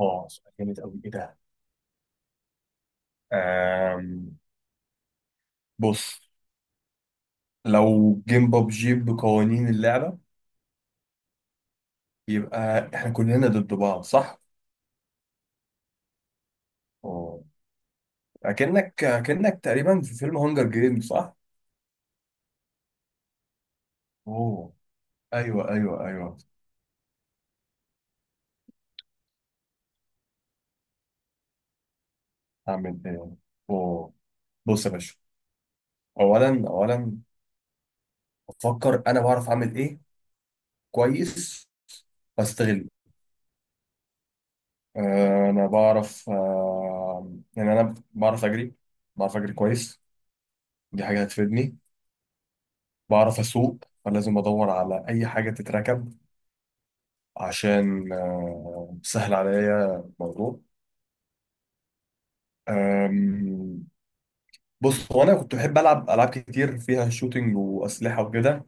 اه، سؤال جامد قوي. ايه ده؟ آم، بص، لو جيم ببجي بقوانين اللعبة يبقى احنا كلنا ضد بعض، صح؟ اه، اكنك تقريبا في فيلم هانجر جيم، صح؟ اوه، ايوه ايوه ايوه. اعمل ايه؟ اوه، بص يا باشا. اولا اولا، بفكر انا بعرف اعمل ايه كويس واستغله. انا بعرف، يعني انا بعرف اجري، بعرف اجري كويس. دي حاجه هتفيدني. بعرف أسوق، فلازم أدور على أي حاجة تتركب عشان سهل عليا الموضوع. آم، بص، هو أنا كنت بحب ألعب ألعاب كتير فيها شوتينج وأسلحة وكده.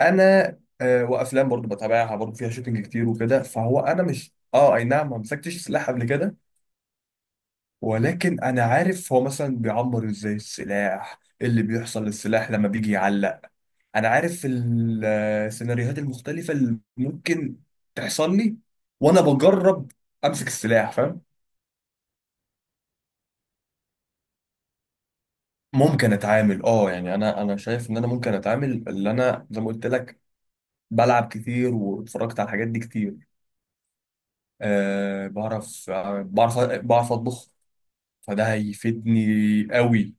أنا وأفلام برضو بتابعها، برضو فيها شوتينج كتير وكده. فهو أنا مش أي نعم، ما مسكتش سلاح قبل كده، ولكن أنا عارف هو مثلا بيعمر إزاي السلاح، إيه اللي بيحصل للسلاح لما بيجي يعلق. انا عارف السيناريوهات المختلفه اللي ممكن تحصل لي، وانا بجرب امسك السلاح، فاهم. ممكن اتعامل اه، يعني انا شايف ان انا ممكن اتعامل. اللي انا زي ما قلت لك، بلعب كتير واتفرجت على الحاجات دي كتير. بعرف، بعرف بعرف اطبخ، فده هيفيدني قوي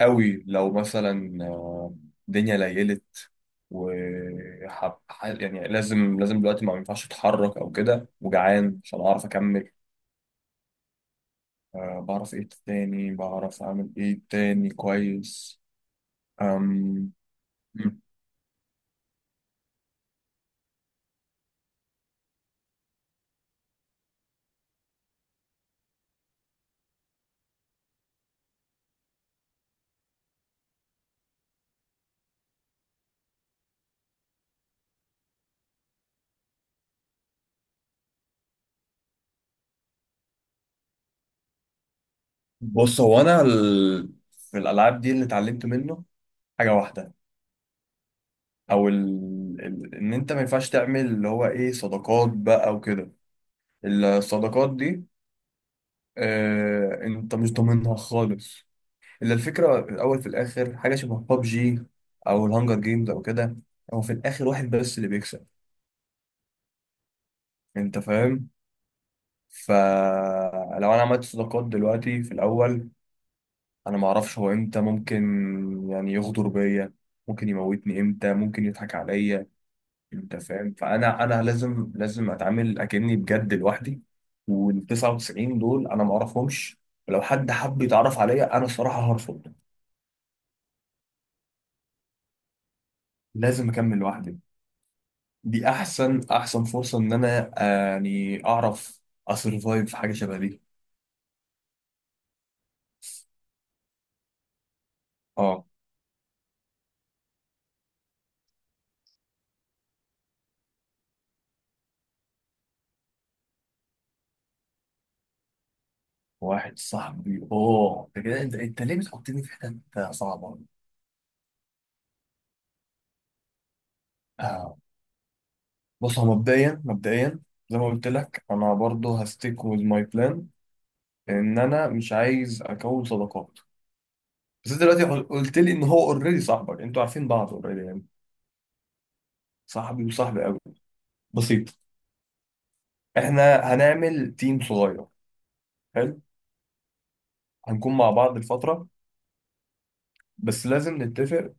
قوي لو مثلا الدنيا ليلت و، يعني لازم لازم دلوقتي، ما ينفعش اتحرك او كده وجعان عشان اعرف اكمل. بعرف ايه تاني، بعرف اعمل ايه تاني كويس. أم... مم. بص، هو انا في الالعاب دي اللي اتعلمت منه حاجه واحده، او ان انت ما ينفعش تعمل اللي هو ايه، صداقات بقى وكده. الصداقات دي انت مش ضامنها خالص. الا الفكره في الاول في الاخر حاجه شبه ببجي او الهانجر جيمز او كده، هو في الاخر واحد بس اللي بيكسب، انت فاهم. فلو انا عملت صداقات دلوقتي في الاول، انا ما اعرفش هو امتى ممكن، يعني، يغدر بيا، ممكن يموتني امتى، ممكن يضحك عليا، انت فاهم. فانا لازم لازم اتعامل اكني بجد لوحدي. وال 99 دول انا ما اعرفهمش، ولو حد حب يتعرف عليا انا الصراحه هرفض. لازم اكمل لوحدي. دي احسن احسن فرصه ان انا يعني اعرف اسرفايف في حاجه شبه دي. اه. واحد صاحبي؟ اوه، انت كده، انت ليه بتحطني في حته صعبه؟ آه. بص، هو مبدئيا مبدئيا زي ما قلت لك، انا برضه هستيك ويز ماي بلان، ان انا مش عايز اكون صداقات. بس انت دلوقتي قلت لي ان هو اوريدي صاحبك، انتوا عارفين بعض اوريدي يعني. صاحبي وصاحبي قوي؟ بسيط. احنا هنعمل تيم صغير. حلو، هنكون مع بعض الفترة، بس لازم نتفق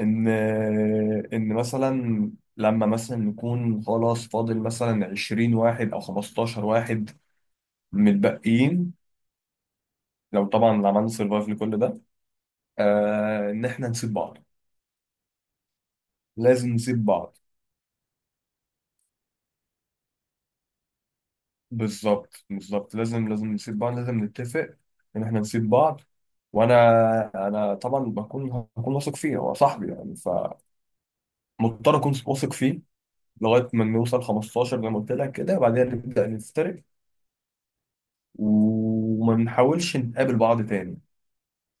ان، مثلا لما مثلا نكون خلاص فاضل مثلا 20 واحد او 15 واحد متبقيين، لو طبعا عملنا سرفايف لكل ده، آه، ان احنا نسيب بعض. لازم نسيب بعض. بالظبط بالظبط، لازم لازم نسيب بعض، لازم نتفق ان احنا نسيب بعض. وانا طبعا بكون، هكون واثق فيه، هو صاحبي يعني، فمضطر اكون واثق فيه لغايه ما نوصل 15 زي ما قلت لك، كده بعدين نبدا نفترق وما نحاولش نقابل بعض تاني.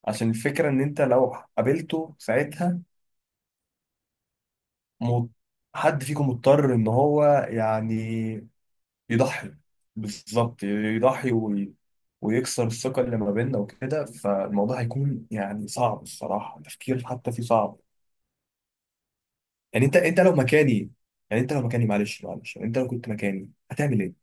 عشان الفكره ان انت لو قابلته ساعتها، م- حد فيكم مضطر ان هو يعني يضحي. بالظبط، يضحي ويكسر الثقة اللي ما بيننا وكده، فالموضوع هيكون يعني صعب الصراحة، تفكير حتى فيه صعب. يعني انت لو مكاني، يعني انت لو مكاني، معلش معلش، يعني انت لو كنت مكاني هتعمل ايه؟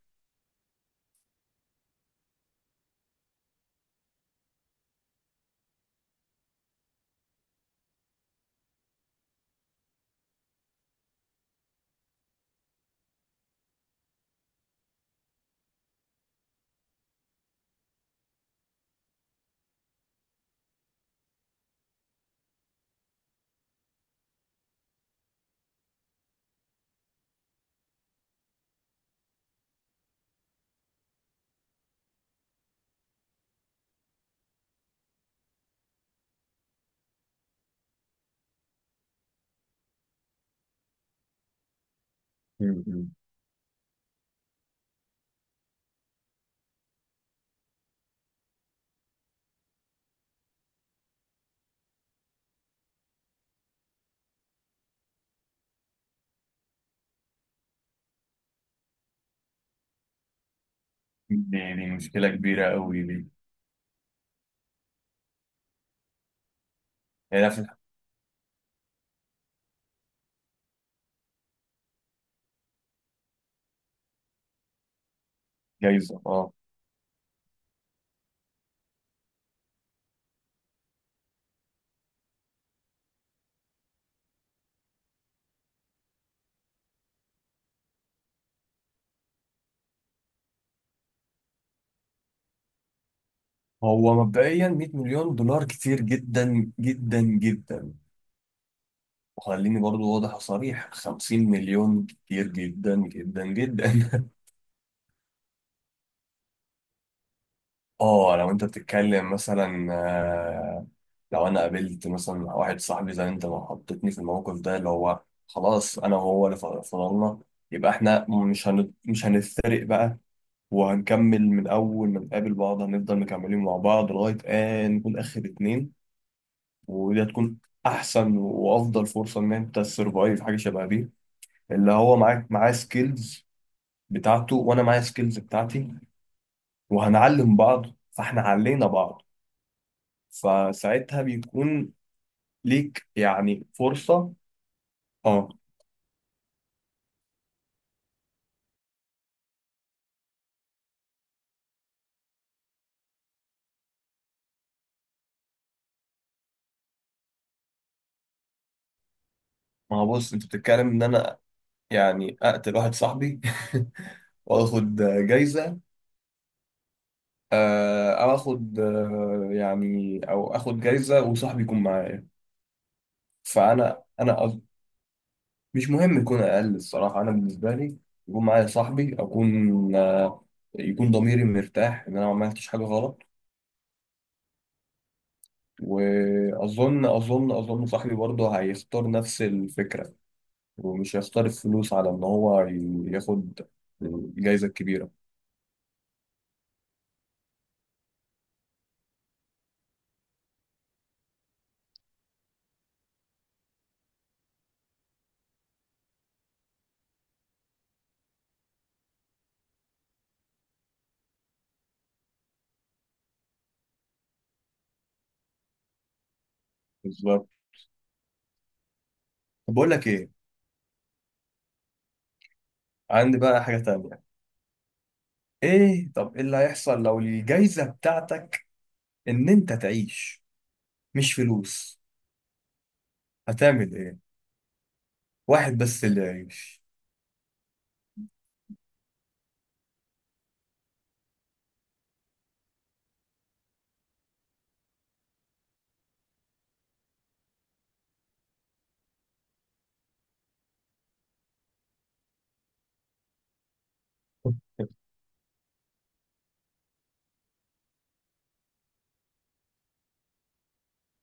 مم. دي مشكلة كبيرة قوي دي، يعني نفس. جايزة؟ اه. هو مبدئيا 100 مليون دولار كتير جدا جدا جدا. وخليني برضو واضح وصريح، 50 مليون كتير جدا جدا جدا. اه، لو انت بتتكلم مثلا لو انا قابلت مثلا واحد صاحبي زي انت ما حطيتني في الموقف ده، اللي هو خلاص انا وهو اللي فضلنا، يبقى احنا مش هنفترق بقى. وهنكمل من اول ما نقابل بعض، هنفضل مكملين مع بعض لغايه ان نكون اخر اتنين. ودي هتكون احسن وافضل فرصه ان انت تسرفايف حاجه شبه دي، اللي هو معاك معاه سكيلز بتاعته وانا معايا سكيلز بتاعتي، وهنعلم بعض. فاحنا علينا بعض، فساعتها بيكون ليك يعني فرصة. اه. ما هو بص انت بتتكلم ان انا يعني اقتل واحد صاحبي واخد جايزة، او اخد يعني او اخد جايزة وصاحبي يكون معايا. فانا انا قصد- مش مهم يكون اقل الصراحة. انا بالنسبة لي يكون معايا صاحبي، اكون يكون ضميري مرتاح ان انا ما عملتش حاجة غلط. واظن اظن اظن صاحبي برضه هيختار نفس الفكرة، ومش هيختار الفلوس على ان هو ياخد الجايزه الكبيره. بالظبط. طب بقول لك ايه، عندي بقى حاجه تانية. ايه، طب ايه اللي هيحصل لو الجايزه بتاعتك ان انت تعيش، مش فلوس؟ هتعمل ايه؟ واحد بس اللي يعيش.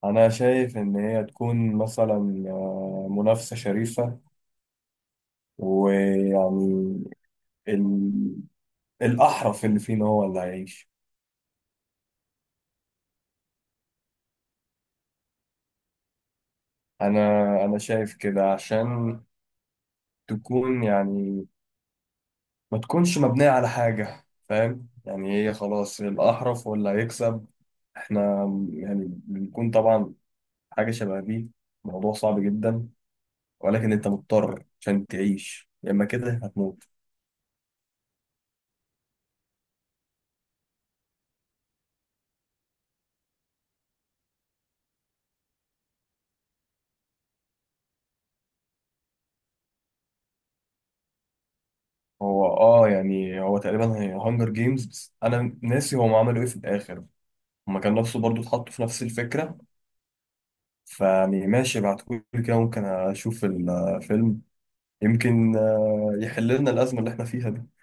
انا شايف ان هي تكون مثلا منافسه شريفه. ويعني ال... الاحرف اللي فينا هو اللي هيعيش. انا انا شايف كده، عشان تكون يعني ما تكونش مبنية على حاجة، فاهم. يعني هي خلاص الأحرف ولا هيكسب. احنا يعني بنكون طبعا حاجة شبه دي، موضوع صعب جدا، ولكن انت مضطر عشان تعيش، يا اما كده هتموت. هو اه يعني هو تقريبا هي هانجر جيمز، بس انا ناسي هم عملوا ايه في الاخر. هما كان نفسه برضو، اتحطوا في نفس الفكرة. فيعني ماشي، بعتقولي كده ممكن اشوف الفيلم، يمكن يحل لنا الأزمة اللي احنا فيها دي.